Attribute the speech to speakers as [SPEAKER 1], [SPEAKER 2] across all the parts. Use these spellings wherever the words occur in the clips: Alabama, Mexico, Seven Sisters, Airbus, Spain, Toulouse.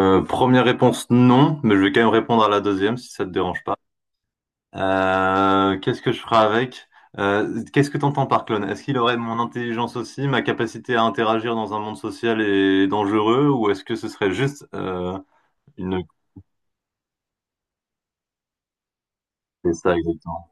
[SPEAKER 1] Première réponse, non, mais je vais quand même répondre à la deuxième si ça te dérange pas. Qu'est-ce que je ferai avec? Qu'est-ce que t'entends par clone? Est-ce qu'il aurait mon intelligence aussi, ma capacité à interagir dans un monde social et dangereux, ou est-ce que ce serait juste une... C'est ça exactement.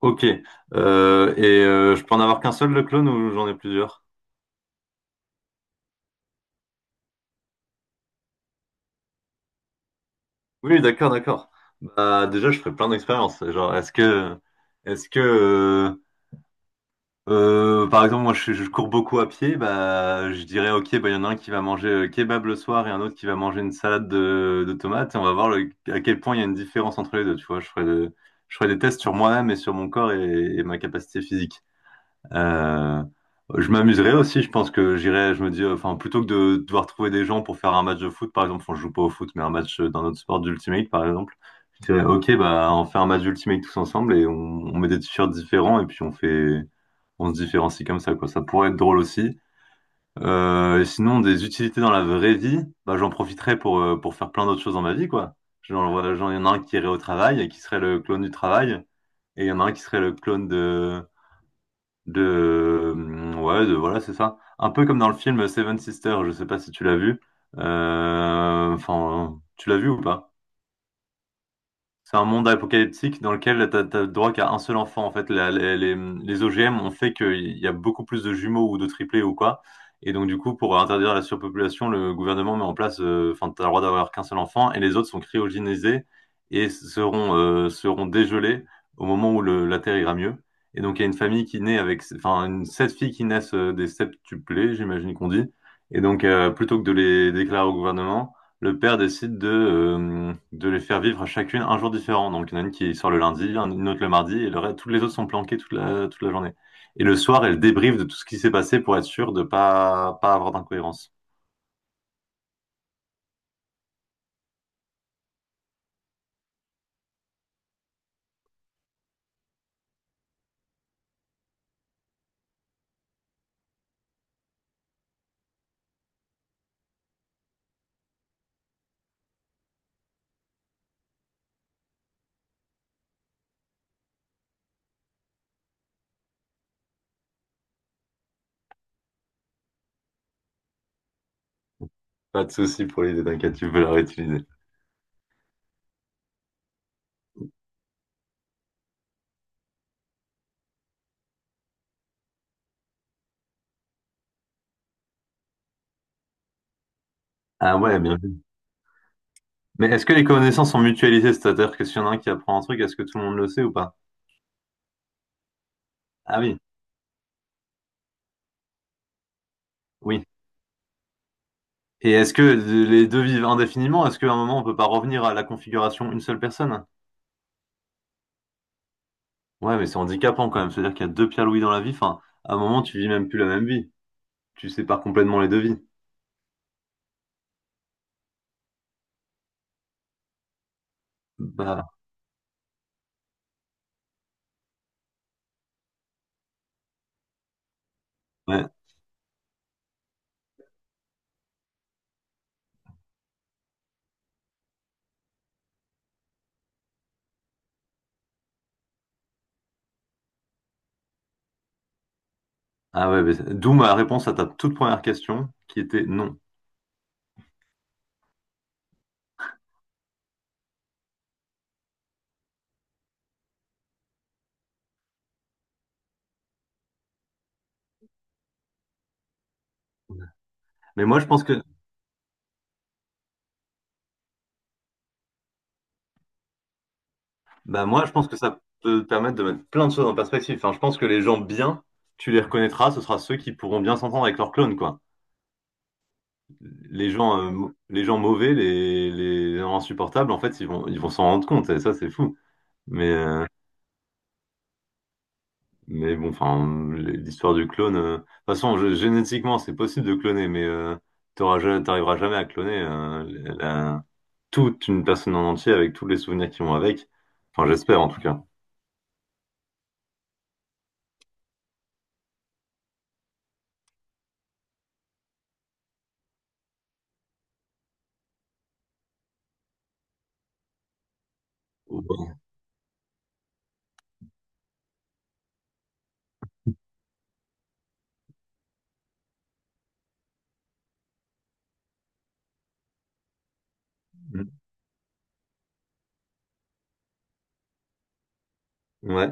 [SPEAKER 1] Ok. Je peux en avoir qu'un seul le clone ou j'en ai plusieurs? Oui, d'accord, d'accord. Bah déjà, je ferai plein d'expériences. Genre, est-ce que par exemple, je cours beaucoup à pied, bah je dirais ok, bah il y en a un qui va manger kebab le soir et un autre qui va manger une salade de tomates. Et on va voir à quel point il y a une différence entre les deux. Tu vois, je ferai des tests sur moi-même et sur mon corps et ma capacité physique. Euh, je m'amuserais aussi, je pense que j'irais, je me dis, enfin, plutôt que de devoir trouver des gens pour faire un match de foot, par exemple, on joue pas au foot, mais un match d'un autre sport d'Ultimate, par exemple, je dirais, ok, bah, on fait un match d'Ultimate tous ensemble et on met des t-shirts différents et puis on fait, on se différencie comme ça, quoi. Ça pourrait être drôle aussi. Sinon, des utilités dans la vraie vie, bah, j'en profiterais pour faire plein d'autres choses dans ma vie, quoi. Genre, voilà, genre, il y en a un qui irait au travail et qui serait le clone du travail, et il y en a un qui serait le clone de, ouais, de voilà, c'est ça. Un peu comme dans le film Seven Sisters, je sais pas si tu l'as vu. Enfin, tu l'as vu ou pas? C'est un monde apocalyptique dans lequel t'as le droit qu'à un seul enfant. En fait, les, les OGM ont fait qu'il y a beaucoup plus de jumeaux ou de triplés ou quoi. Et donc, du coup, pour interdire la surpopulation, le gouvernement met en place, enfin, t'as le droit d'avoir qu'un seul enfant et les autres sont cryogénisés et seront, seront dégelés au moment où la Terre ira mieux. Et donc, il y a une famille qui naît avec, enfin, une, sept filles qui naissent des septuplés, j'imagine qu'on dit. Et donc, plutôt que de les déclarer au gouvernement, le père décide de les faire vivre à chacune un jour différent. Donc, il y en a une qui sort le lundi, une autre le mardi, et le reste, toutes les autres sont planquées toute toute la journée. Et le soir, elle débriefe de tout ce qui s'est passé pour être sûre de pas avoir d'incohérence. Pas de souci pour l'idée, t'inquiète, tu peux la réutiliser. Ah ouais, bien vu. Mais est-ce que les connaissances sont mutualisées? C'est-à-dire que s'il y en a un qui apprend un truc, est-ce que tout le monde le sait ou pas? Ah oui, oui. Et est-ce que les deux vivent indéfiniment? Est-ce qu'à un moment, on peut pas revenir à la configuration une seule personne? Ouais, mais c'est handicapant quand même. C'est-à-dire qu'il y a deux Pierre Louis dans la vie. Enfin, à un moment, tu vis même plus la même vie. Tu sépares complètement les deux vies. Bah, ouais. Ah ouais, mais c'est- d'où ma réponse à ta toute première question, qui était non. Mais moi, je pense que, bah moi, je pense que ça peut te permettre de mettre plein de choses en perspective. Enfin, je pense que les gens bien, tu les reconnaîtras. Ce sera ceux qui pourront bien s'entendre avec leurs clones, quoi. Les gens, les gens mauvais, les gens insupportables, en fait, ils vont s'en rendre compte. Et ça, c'est fou. Mais, euh, Mais bon, enfin, l'histoire du clone. De toute façon, génétiquement, c'est possible de cloner, mais t'arriveras jamais à cloner la- toute une personne en entier avec tous les souvenirs qui vont avec. Enfin, j'espère en tout cas. Ouais. Ouais.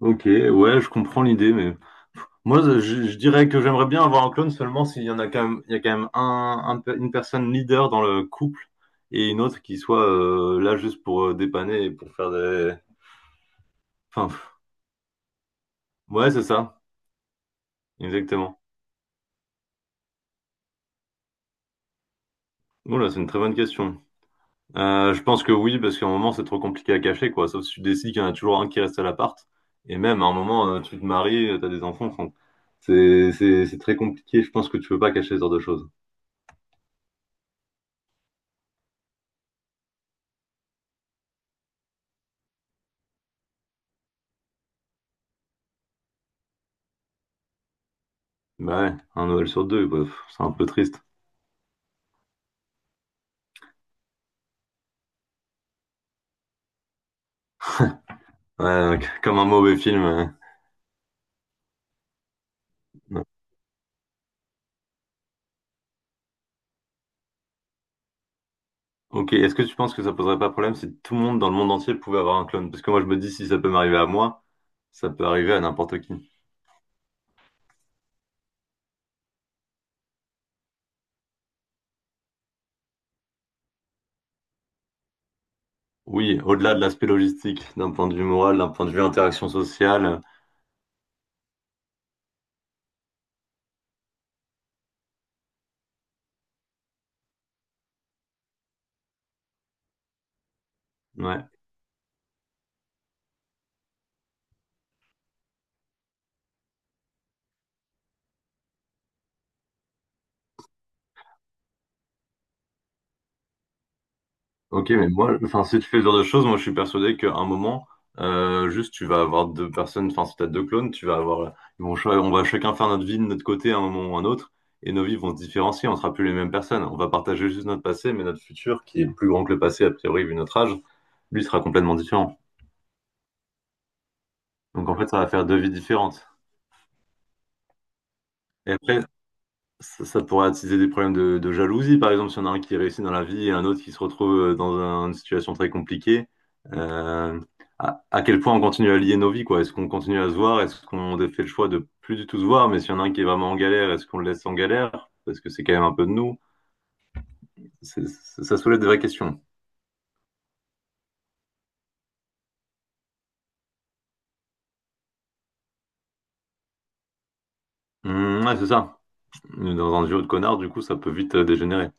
[SPEAKER 1] Ok, ouais, je comprends l'idée, mais moi, je, je dirais que j'aimerais bien avoir un clone seulement s'il y en a quand même, il y a quand même une personne leader dans le couple et une autre qui soit là juste pour dépanner et pour faire des. Enfin, pff, ouais, c'est ça, exactement. Oh là, c'est une très bonne question. Je pense que oui, parce qu'à un moment, c'est trop compliqué à cacher, quoi. Sauf si tu décides qu'il y en a toujours un qui reste à l'appart. Et même, à un moment, tu te maries, t'as des enfants. Enfin, c'est très compliqué. Je pense que tu peux pas cacher ce genre de choses. Bah ouais, un Noël sur deux, bah, pff, c'est un peu triste. Ouais, comme un mauvais film. Ouais. Ok, est-ce que tu penses que ça poserait pas problème si tout le monde dans le monde entier pouvait avoir un clone? Parce que moi, je me dis, si ça peut m'arriver à moi, ça peut arriver à n'importe qui. Oui, au-delà de l'aspect logistique, d'un point de vue moral, d'un point de vue interaction sociale. Ouais. Ok, mais moi, enfin, si tu fais ce genre de choses, moi, je suis persuadé qu'à un moment, juste, tu vas avoir deux personnes, enfin, si t'as deux clones, tu vas avoir, ils vont, ch- on va chacun faire notre vie de notre côté à un moment ou à un autre, et nos vies vont se différencier, on sera plus les mêmes personnes. On va partager juste notre passé, mais notre futur, qui est plus grand que le passé, a priori, vu notre âge, lui sera complètement différent. Donc, en fait, ça va faire deux vies différentes. Et après, ça pourrait attiser des problèmes de jalousie, par exemple, si on a un qui réussit dans la vie et un autre qui se retrouve dans une situation très compliquée. Euh, à, à quel point on continue à lier nos vies, quoi? Est-ce qu'on continue à se voir? Est-ce qu'on fait le choix de plus du tout se voir? Mais s'il y en a un qui est vraiment en galère, est-ce qu'on le laisse en galère? Parce que c'est quand même un peu de nous. Ça soulève des vraies questions. Ouais, c'est ça. Dans un duo de connards, du coup, ça peut vite dégénérer.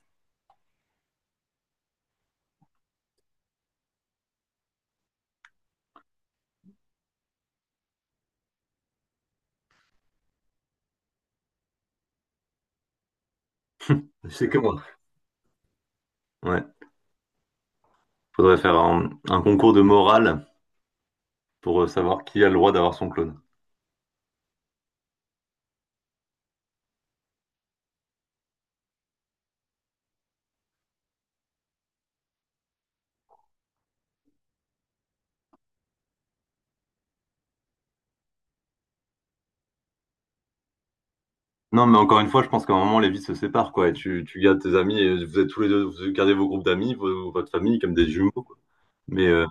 [SPEAKER 1] C'est que moi. Ouais. Faudrait faire un concours de morale pour savoir qui a le droit d'avoir son clone. Non, mais encore une fois, je pense qu'à un moment, les vies se séparent, quoi. Et tu gardes tes amis, et vous êtes tous les deux, vous gardez vos groupes d'amis, votre famille, comme des jumeaux, quoi. Mais euh,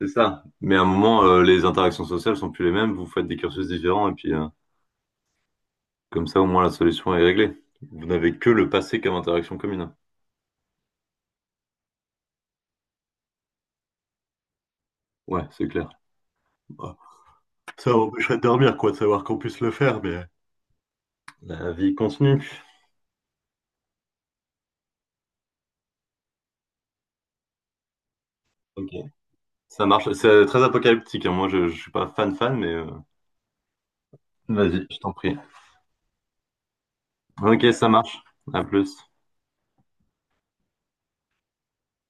[SPEAKER 1] c'est ça. Mais à un moment, les interactions sociales sont plus les mêmes, vous faites des cursus différents, et puis comme ça, au moins, la solution est réglée. Vous n'avez que le passé comme interaction commune. Ouais, c'est clair. Bah, ça m'empêcherait de dormir, quoi, de savoir qu'on puisse le faire, mais... La vie continue. Ok. Ça marche. C'est très apocalyptique, hein. Moi, je suis pas fan fan, mais... Vas-y, je t'en prie. Ok, ça marche. À plus.